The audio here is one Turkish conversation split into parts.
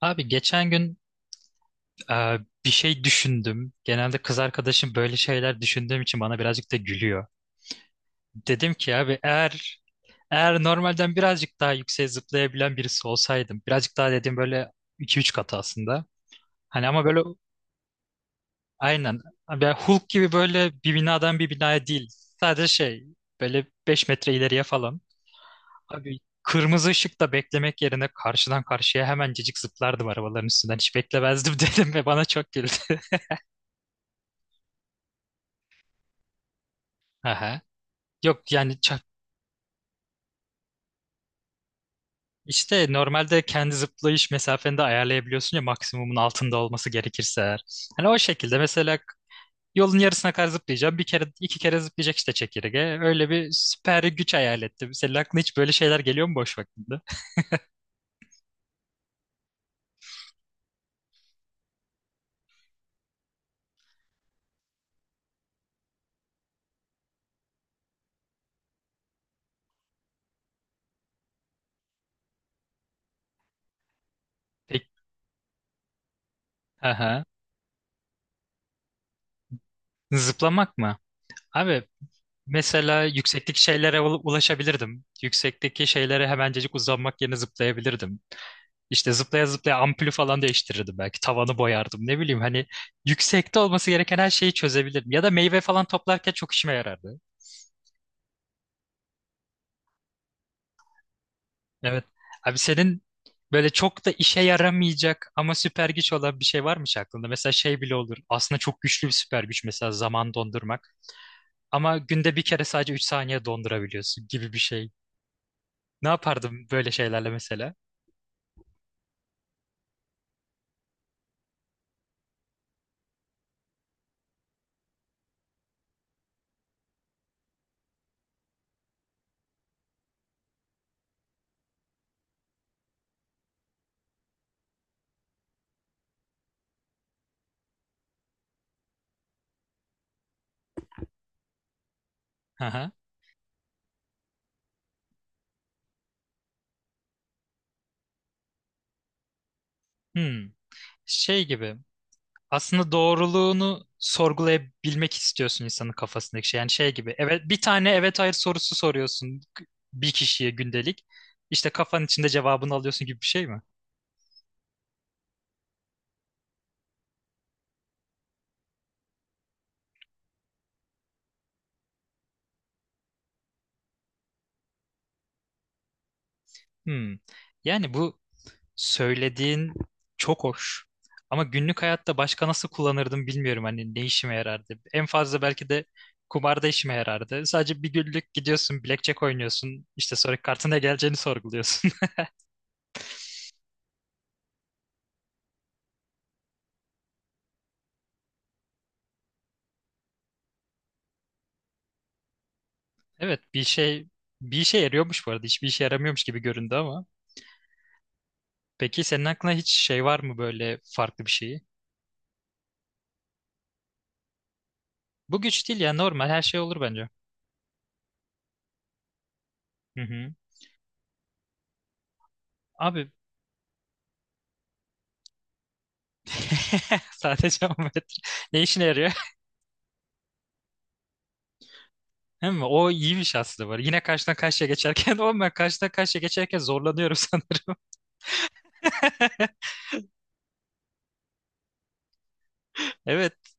Abi geçen gün e, bir şey düşündüm. Genelde kız arkadaşım böyle şeyler düşündüğüm için bana birazcık da gülüyor. Dedim ki abi eğer normalden birazcık daha yükseğe zıplayabilen birisi olsaydım. Birazcık daha dediğim böyle iki üç katı aslında. Hani ama böyle aynen. Abi Hulk gibi böyle bir binadan bir binaya değil. Sadece şey böyle 5 metre ileriye falan. Abi kırmızı ışıkta beklemek yerine karşıdan karşıya hemencecik zıplardım arabaların üstünden. Hiç beklemezdim dedim ve bana çok güldü. Aha. Yok yani işte normalde kendi zıplayış mesafeni de ayarlayabiliyorsun ya maksimumun altında olması gerekirse eğer. Hani o şekilde mesela yolun yarısına kadar zıplayacağım. Bir kere iki kere zıplayacak işte çekirge. Öyle bir süper güç hayal ettim. Senin aklına hiç böyle şeyler geliyor mu boş vaktinde? Peki. Aha. Zıplamak mı? Abi mesela yüksekteki şeylere ulaşabilirdim. Yüksekteki şeylere hemencecik uzanmak yerine zıplayabilirdim. İşte zıplaya zıplaya ampulü falan değiştirirdim belki. Tavanı boyardım. Ne bileyim hani yüksekte olması gereken her şeyi çözebilirdim. Ya da meyve falan toplarken çok işime yarardı. Evet. Abi senin böyle çok da işe yaramayacak ama süper güç olan bir şey varmış aklında? Mesela şey bile olur. Aslında çok güçlü bir süper güç mesela zaman dondurmak. Ama günde bir kere sadece 3 saniye dondurabiliyorsun gibi bir şey. Ne yapardım böyle şeylerle mesela? Aha. Hmm. Şey gibi. Aslında doğruluğunu sorgulayabilmek istiyorsun insanın kafasındaki şey. Yani şey gibi. Evet, bir tane evet hayır sorusu soruyorsun bir kişiye gündelik. İşte kafanın içinde cevabını alıyorsun gibi bir şey mi? Hmm. Yani bu söylediğin çok hoş. Ama günlük hayatta başka nasıl kullanırdım bilmiyorum hani ne işime yarardı. En fazla belki de kumarda işime yarardı. Sadece bir günlük gidiyorsun, blackjack oynuyorsun. İşte sonra kartına geleceğini sorguluyorsun. Evet, bir işe yarıyormuş bu arada. Hiçbir işe yaramıyormuş gibi göründü ama. Peki senin aklına hiç şey var mı böyle farklı bir şeyi? Bu güç değil ya normal her şey olur bence. Hı hı. Abi sadece o metre. Ne işine yarıyor? Değil mi? O iyiymiş aslında var. Yine karşıdan karşıya geçerken o ben karşıdan karşıya geçerken zorlanıyorum sanırım. Evet.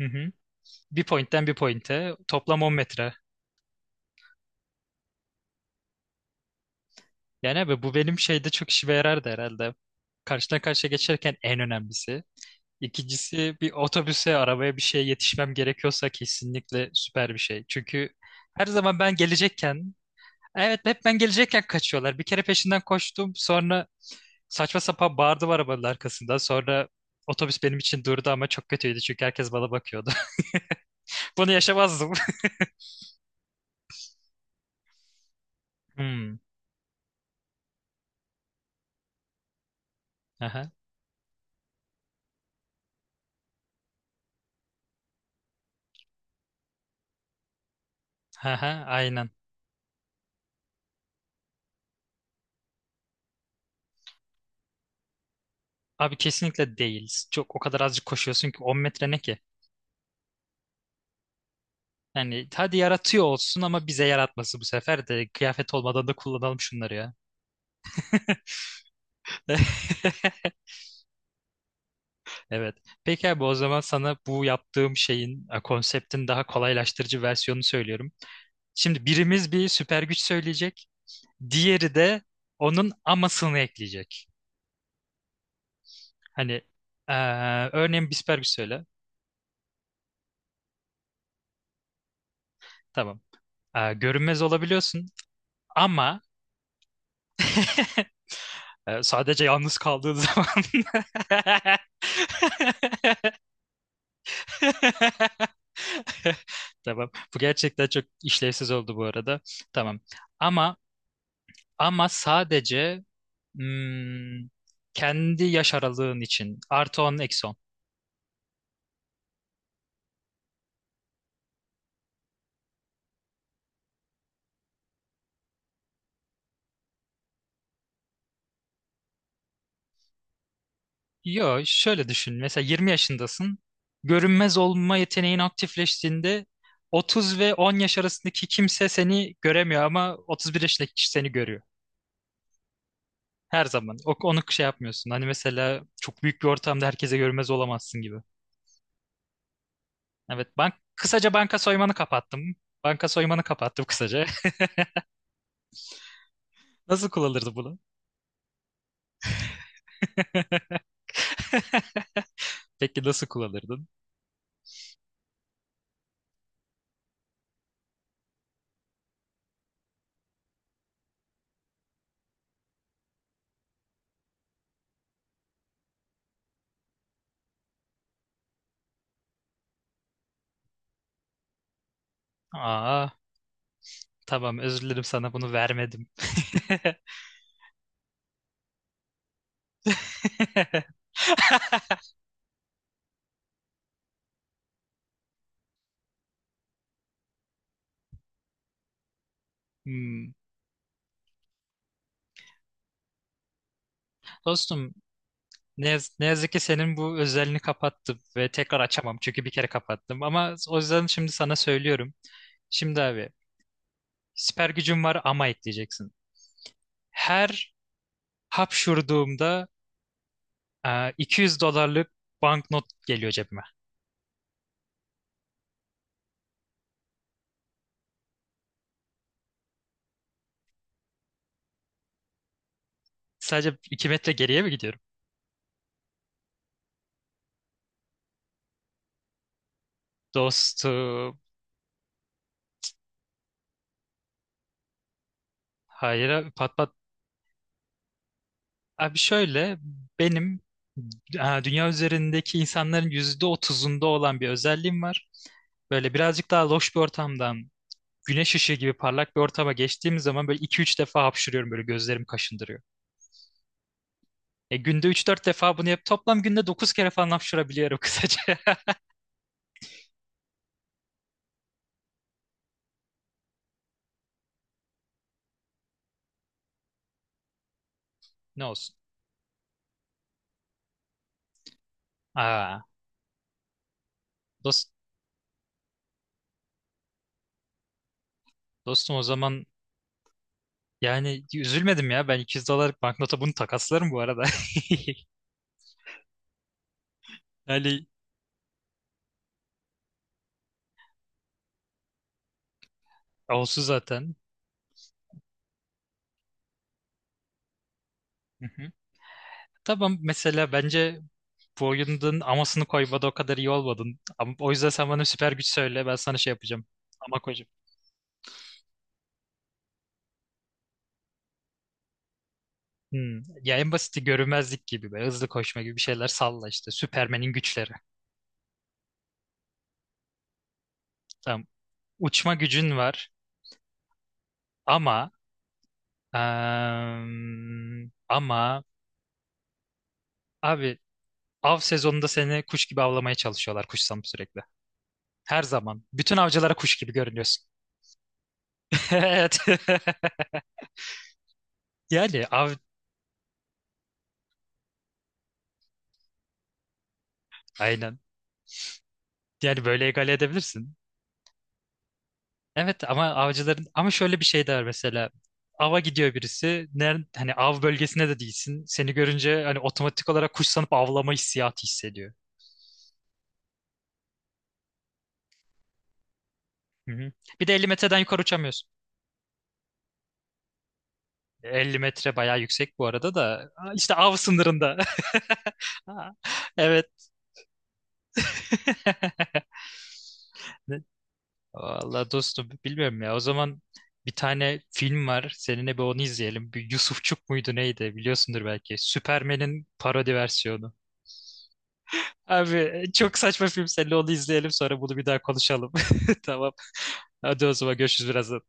Hı hı. Bir pointten bir pointe. Toplam 10 metre. Yani abi bu benim şeyde çok işime yarardı herhalde. Karşıdan karşıya geçerken en önemlisi. İkincisi bir otobüse, arabaya bir şeye yetişmem gerekiyorsa kesinlikle süper bir şey. Çünkü her zaman ben gelecekken. Evet, hep ben gelecekken kaçıyorlar. Bir kere peşinden koştum. Sonra saçma sapan bağırdılar arabanın arkasında. Sonra otobüs benim için durdu ama çok kötüydü çünkü herkes bana bakıyordu. Bunu yaşamazdım. Hmm. Aha. Aha. Aynen. Abi kesinlikle değil. Çok o kadar azıcık koşuyorsun ki 10 metre ne ki? Yani hadi yaratıyor olsun ama bize yaratması bu sefer de kıyafet olmadan da kullanalım şunları ya. Evet. Peki abi o zaman sana bu yaptığım şeyin konseptin daha kolaylaştırıcı versiyonunu söylüyorum. Şimdi birimiz bir süper güç söyleyecek. Diğeri de onun amasını ekleyecek. Hani eee, örneğin bir süper güç söyle. Tamam. Görünmez olabiliyorsun ama sadece yalnız kaldığın zaman. Tamam. Bu gerçekten çok işlevsiz oldu bu arada. Tamam. Ama ama sadece hmm, kendi yaş aralığın için artı 10 eksi 10. Yo, şöyle düşün. Mesela 20 yaşındasın. Görünmez olma yeteneğin aktifleştiğinde 30 ve 10 yaş arasındaki kimse seni göremiyor ama 31 yaşındaki kişi seni görüyor. Her zaman. Onu şey yapmıyorsun. Hani mesela çok büyük bir ortamda herkese görünmez olamazsın gibi. Evet, kısaca banka soymanı kapattım. Banka soymanı kapattım kısaca. Nasıl kullanırdı bunu? Peki nasıl kullanırdın? Aa, tamam özür dilerim sana bunu vermedim. Hmm. Dostum. Ne yazık ki senin bu özelliğini kapattım ve tekrar açamam çünkü bir kere kapattım. Ama o yüzden şimdi sana söylüyorum. Şimdi abi süper gücüm var ama ekleyeceksin. Her hapşurduğumda 200 dolarlık banknot geliyor cebime. Sadece 2 metre geriye mi gidiyorum? Dostum. Hayır abi, pat pat. Abi şöyle benim dünya üzerindeki insanların %30'unda olan bir özelliğim var. Böyle birazcık daha loş bir ortamdan güneş ışığı gibi parlak bir ortama geçtiğim zaman böyle iki üç defa hapşırıyorum böyle gözlerim kaşındırıyor. E günde üç dört defa bunu yap toplam günde 9 kere falan hapşırabiliyorum kısaca. Ne olsun. Aa, dost, dostum o zaman yani üzülmedim ya ben 200 dolarlık banknota bunu takaslarım bu arada. Yani olsun zaten. Hı hı. Tamam mesela bence bu oyunun amasını koymada o kadar iyi olmadın. Ama, o yüzden sen bana süper güç söyle ben sana şey yapacağım. Ama koyacağım. Hmm. Ya en basiti görünmezlik gibi böyle hızlı koşma gibi bir şeyler salla işte. Süpermen'in güçleri. Tamam. Uçma gücün var ama eee, ama abi av sezonunda seni kuş gibi avlamaya çalışıyorlar kuş sanıp sürekli. Her zaman. Bütün avcılara kuş gibi görünüyorsun. Evet. Yani av aynen. Yani böyle egale edebilirsin. Evet ama avcıların ama şöyle bir şey de var mesela. Ava gidiyor birisi. Hani av bölgesine de değilsin. Seni görünce hani otomatik olarak kuş sanıp avlama hissiyatı hissediyor. Hı hı. Bir de 50 metreden yukarı uçamıyorsun. 50 metre bayağı yüksek bu arada da işte av sınırında. Ha, Evet. Ne? Vallahi dostum bilmiyorum ya. O zaman bir tane film var. Seninle bir onu izleyelim. Bir Yusufçuk muydu neydi biliyorsundur belki. Süpermen'in parodi versiyonu. Abi çok saçma film seninle onu izleyelim sonra bunu bir daha konuşalım. Tamam. Hadi o zaman görüşürüz birazdan.